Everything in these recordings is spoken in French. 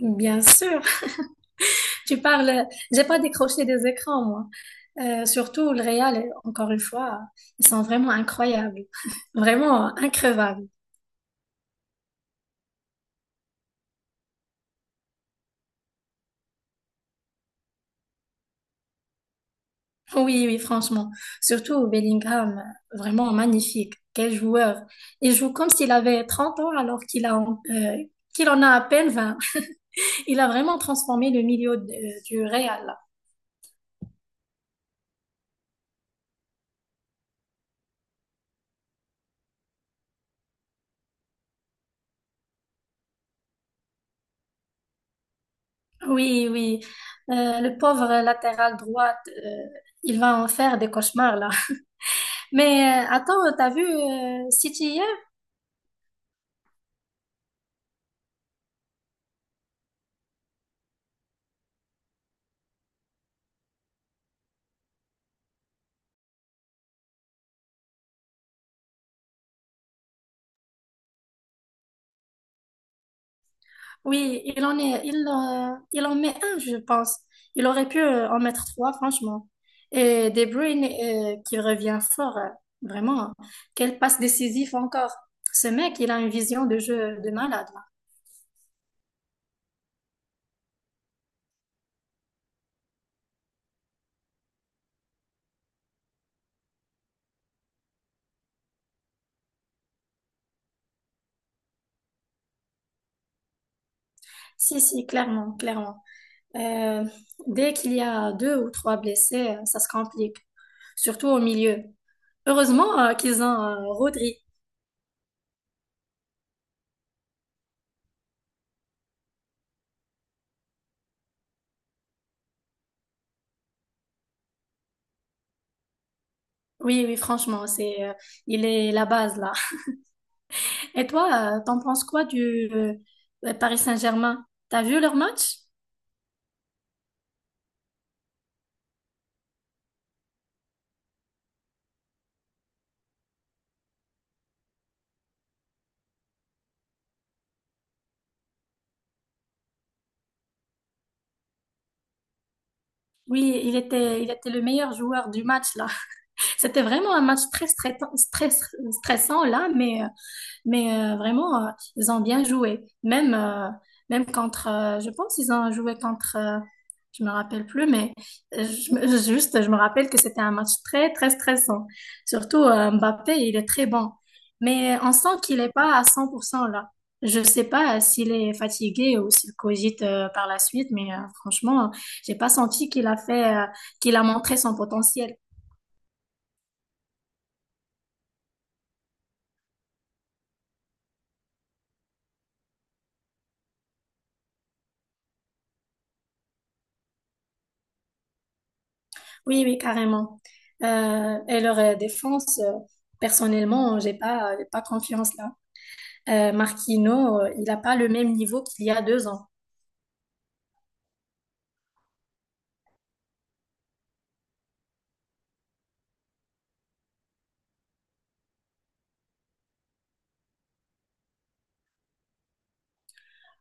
Bien sûr, tu parles. J'ai pas décroché des écrans, moi. Surtout le Real, encore une fois, ils sont vraiment incroyables, vraiment increvables. Oui, oui, franchement. Surtout Bellingham, vraiment magnifique. Quel joueur. Il joue comme s'il avait 30 ans alors qu'il a, qu'il en a à peine 20. Il a vraiment transformé du Real. Oui, oui. Le pauvre latéral droite, il va en faire des cauchemars là. Mais attends, t'as vu City hier? Oui, il en met un, je pense. Il aurait pu en mettre trois, franchement. Et De Bruyne qui revient fort, vraiment. Quelle passe décisive encore. Ce mec, il a une vision de jeu de malade. Là. Si, si, clairement, clairement. Euh, Dès qu'il y a deux ou trois blessés, ça se complique, surtout au milieu. Heureusement qu'ils ont Rodri. Oui, oui, franchement, il est la base là. Et toi, t'en penses quoi du Paris Saint-Germain? T'as vu leur match? Oui, il était le meilleur joueur du match là. C'était vraiment un match très stressant, stressant là, mais mais vraiment, ils ont bien joué. Même, même contre, je pense qu'ils ont joué contre, je me rappelle plus, mais juste, je me rappelle que c'était un match très, très stressant. Surtout Mbappé, il est très bon. Mais on sent qu'il n'est pas à 100% là. Je sais pas s'il est fatigué ou s'il cogite par la suite, mais franchement, j'ai pas senti qu'il a fait, qu'il a montré son potentiel. Oui, oui, carrément. Et leur défense, personnellement, j'ai pas confiance là. Marquinhos, il a pas le même niveau qu'il y a 2 ans.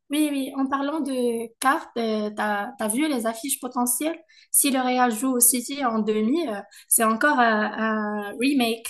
Oui, oui, en parlant de cartes, t'as vu les affiches potentielles? Si le Real joue au City en demi, c'est encore un remake.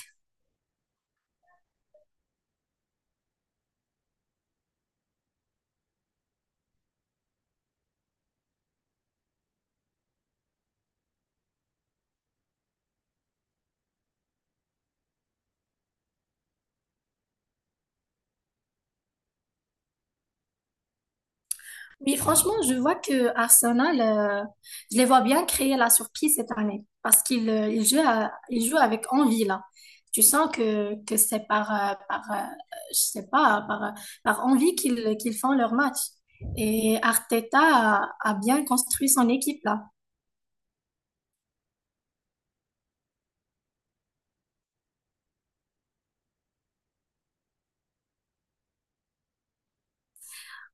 Oui, franchement, je vois que Arsenal, je les vois bien créer la surprise cette année parce qu'ils ils jouent, ils jouent avec envie là. Tu sens que c'est par, je sais pas, par, euh, par envie qu'ils font leur match. Et Arteta a bien construit son équipe là.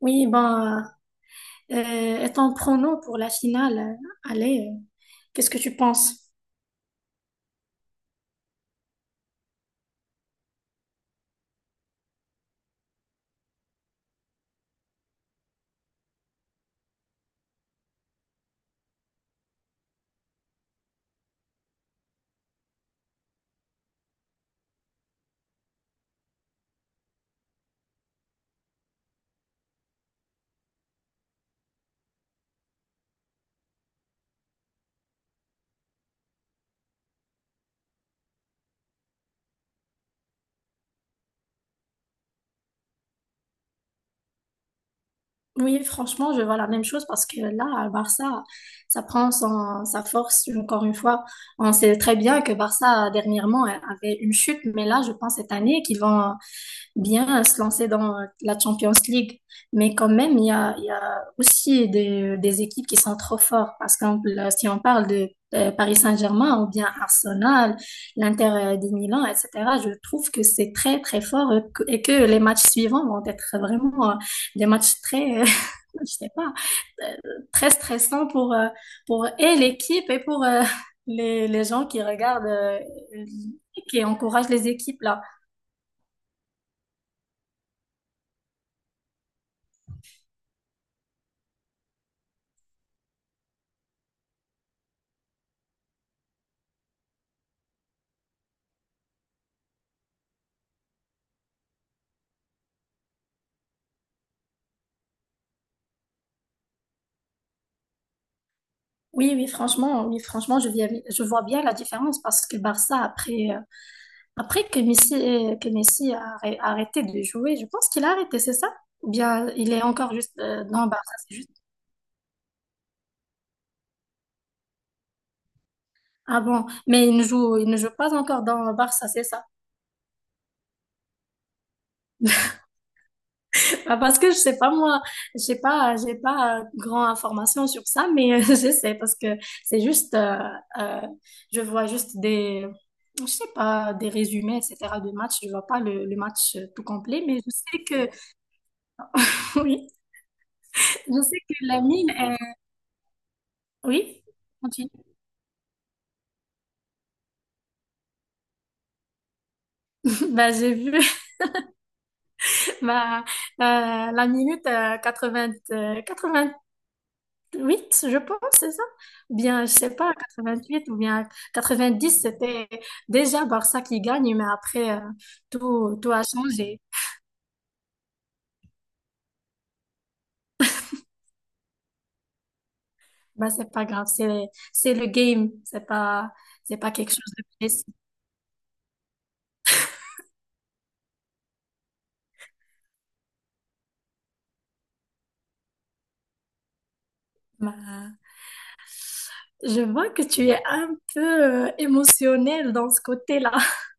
Oui, ben, étant prono pour la finale, allez, qu'est-ce que tu penses? Oui, franchement, je vois la même chose parce que là, à Barça, ça prend sa force encore une fois. On sait très bien que Barça, dernièrement, avait une chute, mais là, je pense cette année qu'ils vont bien se lancer dans la Champions League. Mais quand même, il y a aussi des équipes qui sont trop fortes. Par exemple, si on parle de Paris Saint-Germain ou bien Arsenal, l'Inter de Milan, etc., je trouve que c'est très, très fort et que les matchs suivants vont être vraiment des matchs très, je sais pas, euh, très stressant pour et l'équipe et pour les gens qui regardent, qui encouragent les équipes là. Oui, oui, franchement, je vois bien la différence parce que Barça, après, après que Messi a arrêté de jouer, je pense qu'il a arrêté, c'est ça? Ou bien il est encore juste dans Barça, c'est juste. Ah bon, mais il ne joue pas encore dans Barça, c'est ça? Ah, parce que je sais pas moi, j'ai pas grand information sur ça, mais je sais parce que c'est juste euh, je vois juste des je sais pas des résumés etc. de matchs, je vois pas le match tout complet, mais je sais que oui, je sais que la mine est oui. Continue. Bah, j'ai vu bah, euh, la minute 80, huit, je pense, c'est ça? Bien, je sais pas, 88 ou bien 90, c'était déjà Barça qui gagne, mais après, tout, tout a changé. Bah, c'est pas grave, c'est le game, c'est pas quelque chose de précis. Bah, je vois que tu es un peu émotionnel dans ce côté-là.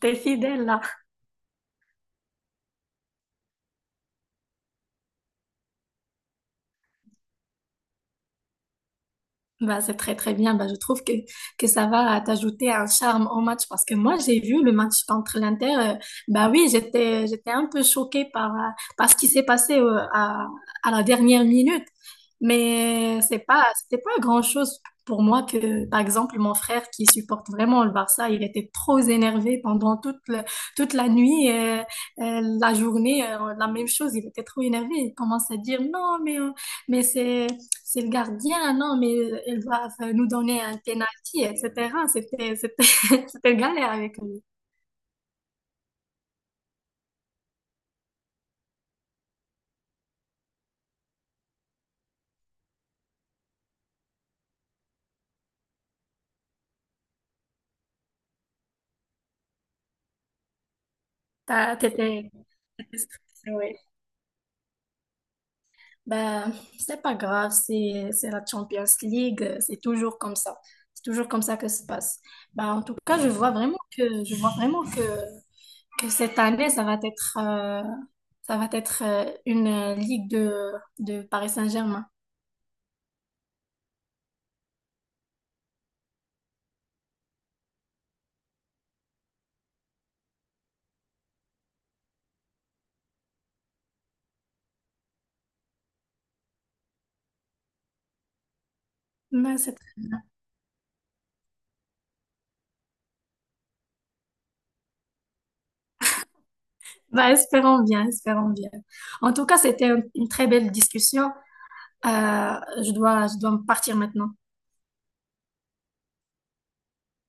T'es fidèle là. Bah, c'est très très bien. Bah, je trouve que ça va t'ajouter un charme au match parce que moi j'ai vu le match contre l'Inter. Bah oui, j'étais un peu choquée par, par ce qui s'est passé à la dernière minute. Mais c'était pas grand-chose pour moi que par exemple mon frère qui supporte vraiment le Barça, il était trop énervé pendant toute la nuit, la journée, la même chose. Il était trop énervé. Il commence à dire non mais mais c'est le gardien, non, mais ils doivent nous donner un penalty, etc. C'était galère avec lui. T'étais, t'étais stressé, ouais. Ben, c'est pas grave, c'est la Champions League, c'est toujours comme ça. C'est toujours comme ça que ça se passe. Ben, en tout cas, je vois vraiment que cette année, ça va être une ligue de Paris Saint-Germain. Ben, c'est bah, espérons bien, espérons bien. En tout cas, c'était une très belle discussion. Euh, je dois me partir maintenant.